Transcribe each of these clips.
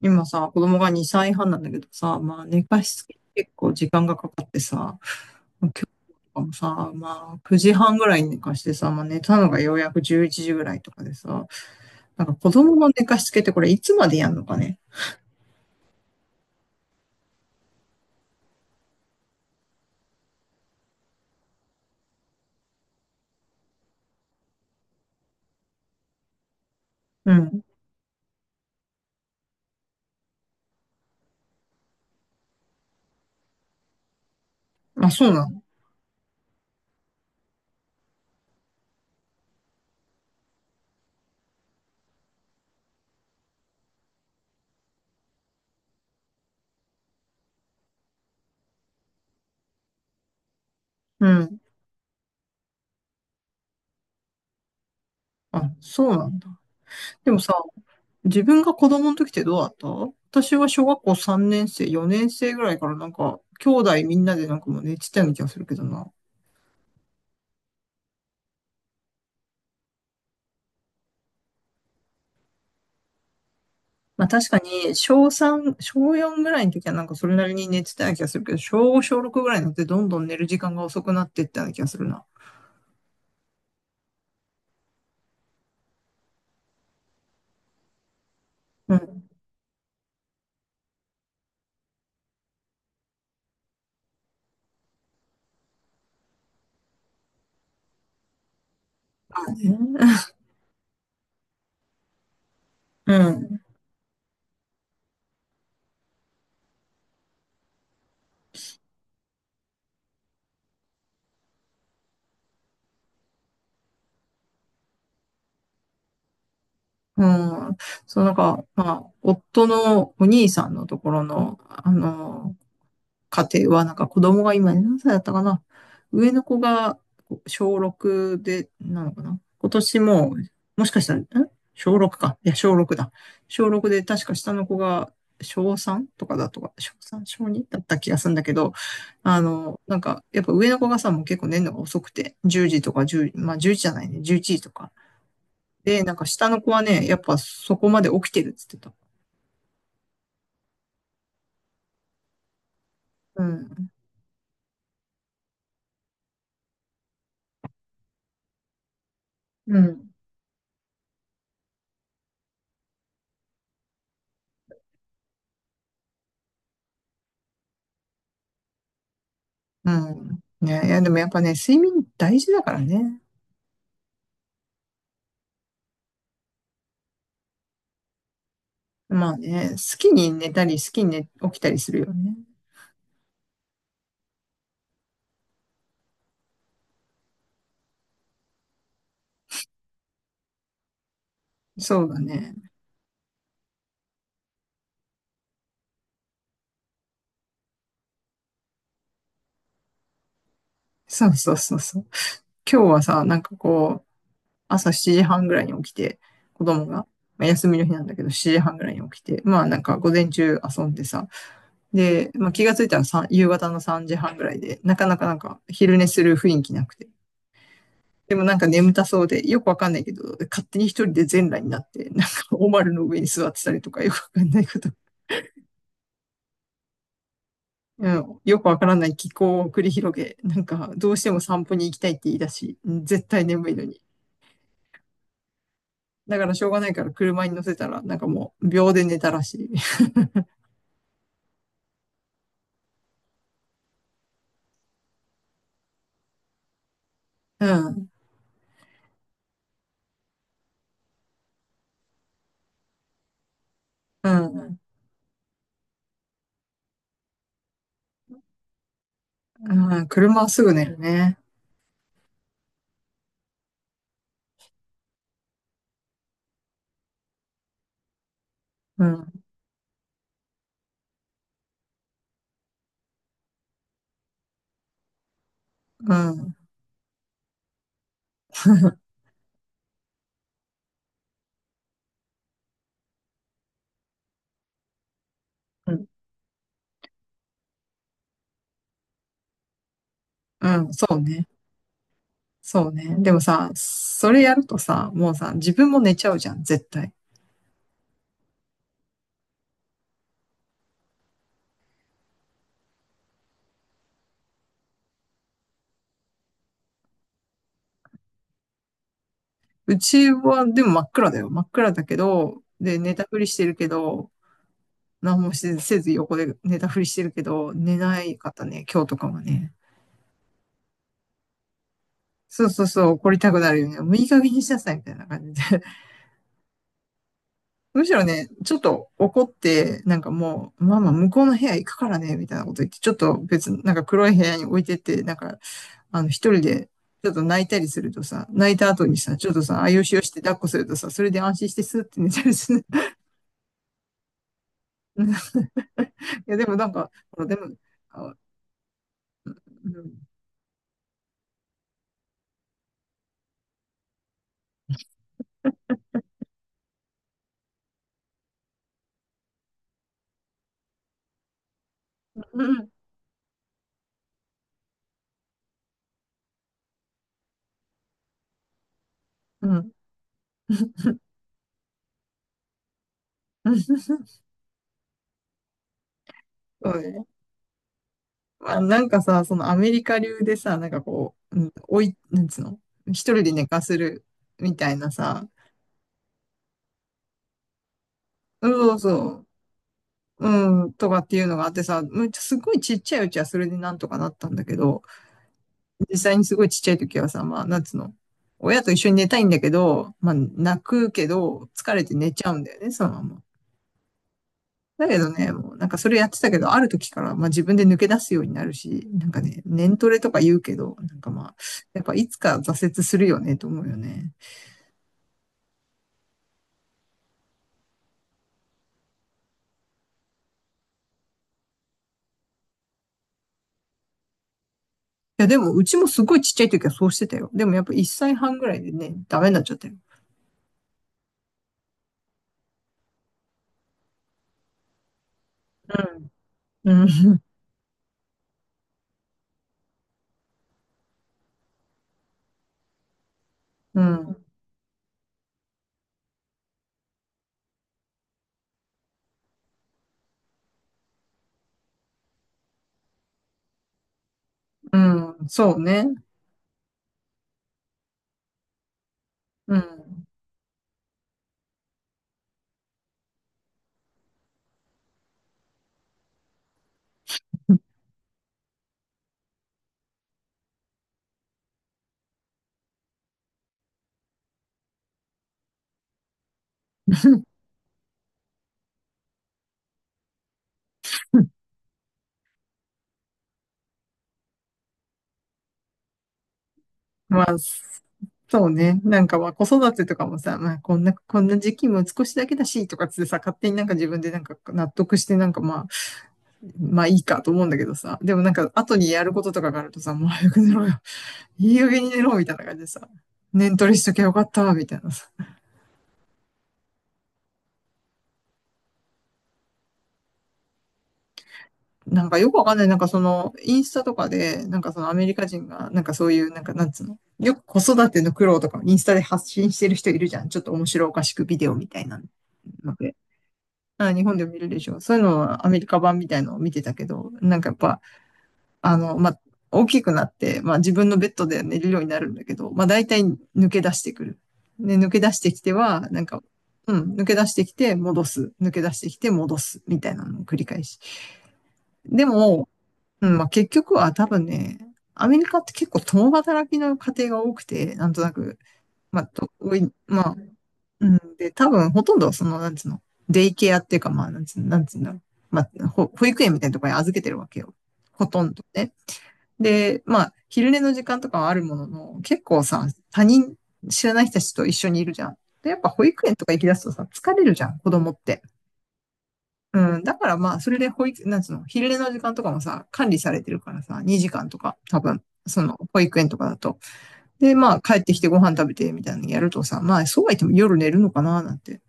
今さ、子供が2歳半なんだけどさ、まあ寝かしつけ結構時間がかかってさ、今日とかもさ、まあ9時半ぐらいに寝かしてさ、まあ寝たのがようやく11時ぐらいとかでさ、なんか子供の寝かしつけってこれいつまでやんのかね。うん。あ、そうなの。うん。あ、そうなんだ。でもさ、自分が子供の時ってどうだった。私は小学校3年生、4年生ぐらいからなんか、兄弟みんなでなんかもう寝てたような気がするけどな。まあ確かに、小3、小4ぐらいの時はなんかそれなりに寝てたような気がするけど、小5、小6ぐらいになってどんどん寝る時間が遅くなっていったような気がするな。うん。うん。うん。そう、なんか、まあ、夫のお兄さんのところの、家庭は、なんか子供が今何歳だったかな。上の子が小6で、なのかな。今年も、もしかしたら、ん、小6か。いや、小6だ。小6で、確か下の子が小3とかだとか、小3、小2だった気がするんだけど、なんか、やっぱ上の子がさ、もう結構寝るのが遅くて、10時とか1まあ1時じ、じゃないね、11時とか。で、なんか下の子はね、やっぱそこまで起きてるっつってた。うん。うん。うん。ね、いや、でもやっぱね、睡眠大事だからね。まあね、好きに寝たり、好きに寝、起きたりするよね。そうだね。そうそうそうそう。今日はさ、なんかこう、朝7時半ぐらいに起きて、子供が、まあ、休みの日なんだけど、7時半ぐらいに起きて、まあなんか午前中遊んでさ、で、まあ気がついたらさん夕方の3時半ぐらいで、なかなかなんか昼寝する雰囲気なくて。でもなんか眠たそうで、よくわかんないけど、勝手に一人で全裸になって、なんかおまるの上に座ってたりとか、よくわかんないこと、うん、よくわからない気候を繰り広げ、なんか、どうしても散歩に行きたいって言い出し、うん絶対眠いのに。だからしょうがないから車に乗せたら、なんかもう秒で寝たらしい。うん、うん、うん、車はすぐ寝るね。うん、うん、うん、うん、そうね。そうね。でもさ、それやるとさ、もうさ、自分も寝ちゃうじゃん、絶対。うちはでも真っ暗だよ。真っ暗だけど、で、寝たふりしてるけど、何もせず横で寝たふりしてるけど、寝ないかったね、今日とかもね。そうそうそう、怒りたくなるよね。もういい加減にしなさい、みたいな感じで。むしろね、ちょっと怒って、なんかもう、ママ向こうの部屋行くからね、みたいなこと言って、ちょっと別になんか黒い部屋に置いてって、なんか、一人で、ちょっと泣いたりするとさ、泣いた後にさ、ちょっとさ、あよしよして抱っこするとさ、それで安心してスーって寝たりする。いや、でもなんか、ほら、でも、あ、うん、うん、うん、そうね。まあ、なんかさ、そのアメリカ流でさ、なんかこう、うん、おい、なんつうの、一人で寝かせるみたいなさ、うんそうそう、うん、とかっていうのがあってさ、むっちゃすごいちっちゃいうちはそれでなんとかなったんだけど、実際にすごいちっちゃい時はさ、まあ、なんつうの、親と一緒に寝たいんだけど、まあ、泣くけど、疲れて寝ちゃうんだよね、そのまま。だけどね、もうなんかそれやってたけど、ある時からまあ自分で抜け出すようになるし、なんかね、年トレとか言うけど、なんかまあ、やっぱいつか挫折するよねと思うよね。いやでもうちもすごいちっちゃい時はそうしてたよ。でもやっぱ1歳半ぐらいでね、ダメになっちゃったよ。うん。うん。うん。うんそうね。うん。まあ、そうね。なんかまあ子育てとかもさ、こんな時期も少しだけだしとかっつってさ、勝手になんか自分でなんか納得してなんかまあいいかと思うんだけどさ。でもなんか後にやることとかがあるとさ、もう早く寝ろよ。いい加減に寝ろみたいな感じでさ。念取りしときゃよかったみたいなさ。なんかよくわかんない。なんかその、インスタとかで、なんかそのアメリカ人が、なんかそういう、なんかなんつうの。よく子育ての苦労とかインスタで発信してる人いるじゃん。ちょっと面白おかしくビデオみたいなので。ああ日本でも見るでしょ。そういうのはアメリカ版みたいのを見てたけど、なんかやっぱ、あの、まあ、大きくなって、まあ、自分のベッドで寝るようになるんだけど、まあ、大体抜け出してくる。で、抜け出してきては、なんか、うん、抜け出してきて戻す、抜け出してきて戻す、みたいなのを繰り返し。でも、うん、まあ、結局は多分ね、アメリカって結構共働きの家庭が多くて、なんとなく、まあ、と多い、まあ、うん、で、多分ほとんどその、なんつうの、デイケアっていうか、まあ、なんつう、なんつうんだろう。まあ、保育園みたいなところに預けてるわけよ。ほとんどね。で、まあ、昼寝の時間とかはあるものの、結構さ、他人、知らない人たちと一緒にいるじゃん。で、やっぱ保育園とか行き出すとさ、疲れるじゃん、子供って。うん、だからまあ、それで保育、なんつうの、昼寝の時間とかもさ、管理されてるからさ、2時間とか、多分、その、保育園とかだと。で、まあ、帰ってきてご飯食べて、みたいなのやるとさ、まあ、そうは言っても夜寝るのかな、なんて。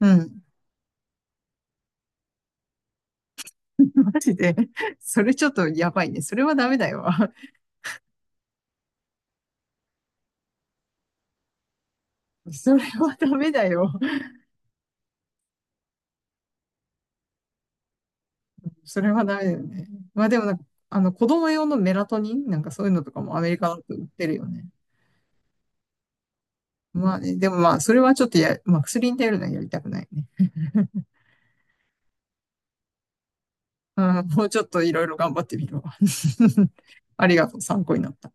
うん。マジで。それちょっとやばいね。それはダメだよ。それはダメだよ。それはダメだよね。まあでもなんか、子供用のメラトニンなんかそういうのとかもアメリカだと売ってるよね。まあね、でもまあ、それはちょっとや、まあ薬に頼るのはやりたくないね。うん、もうちょっといろいろ頑張ってみるわ。ありがとう、参考になった。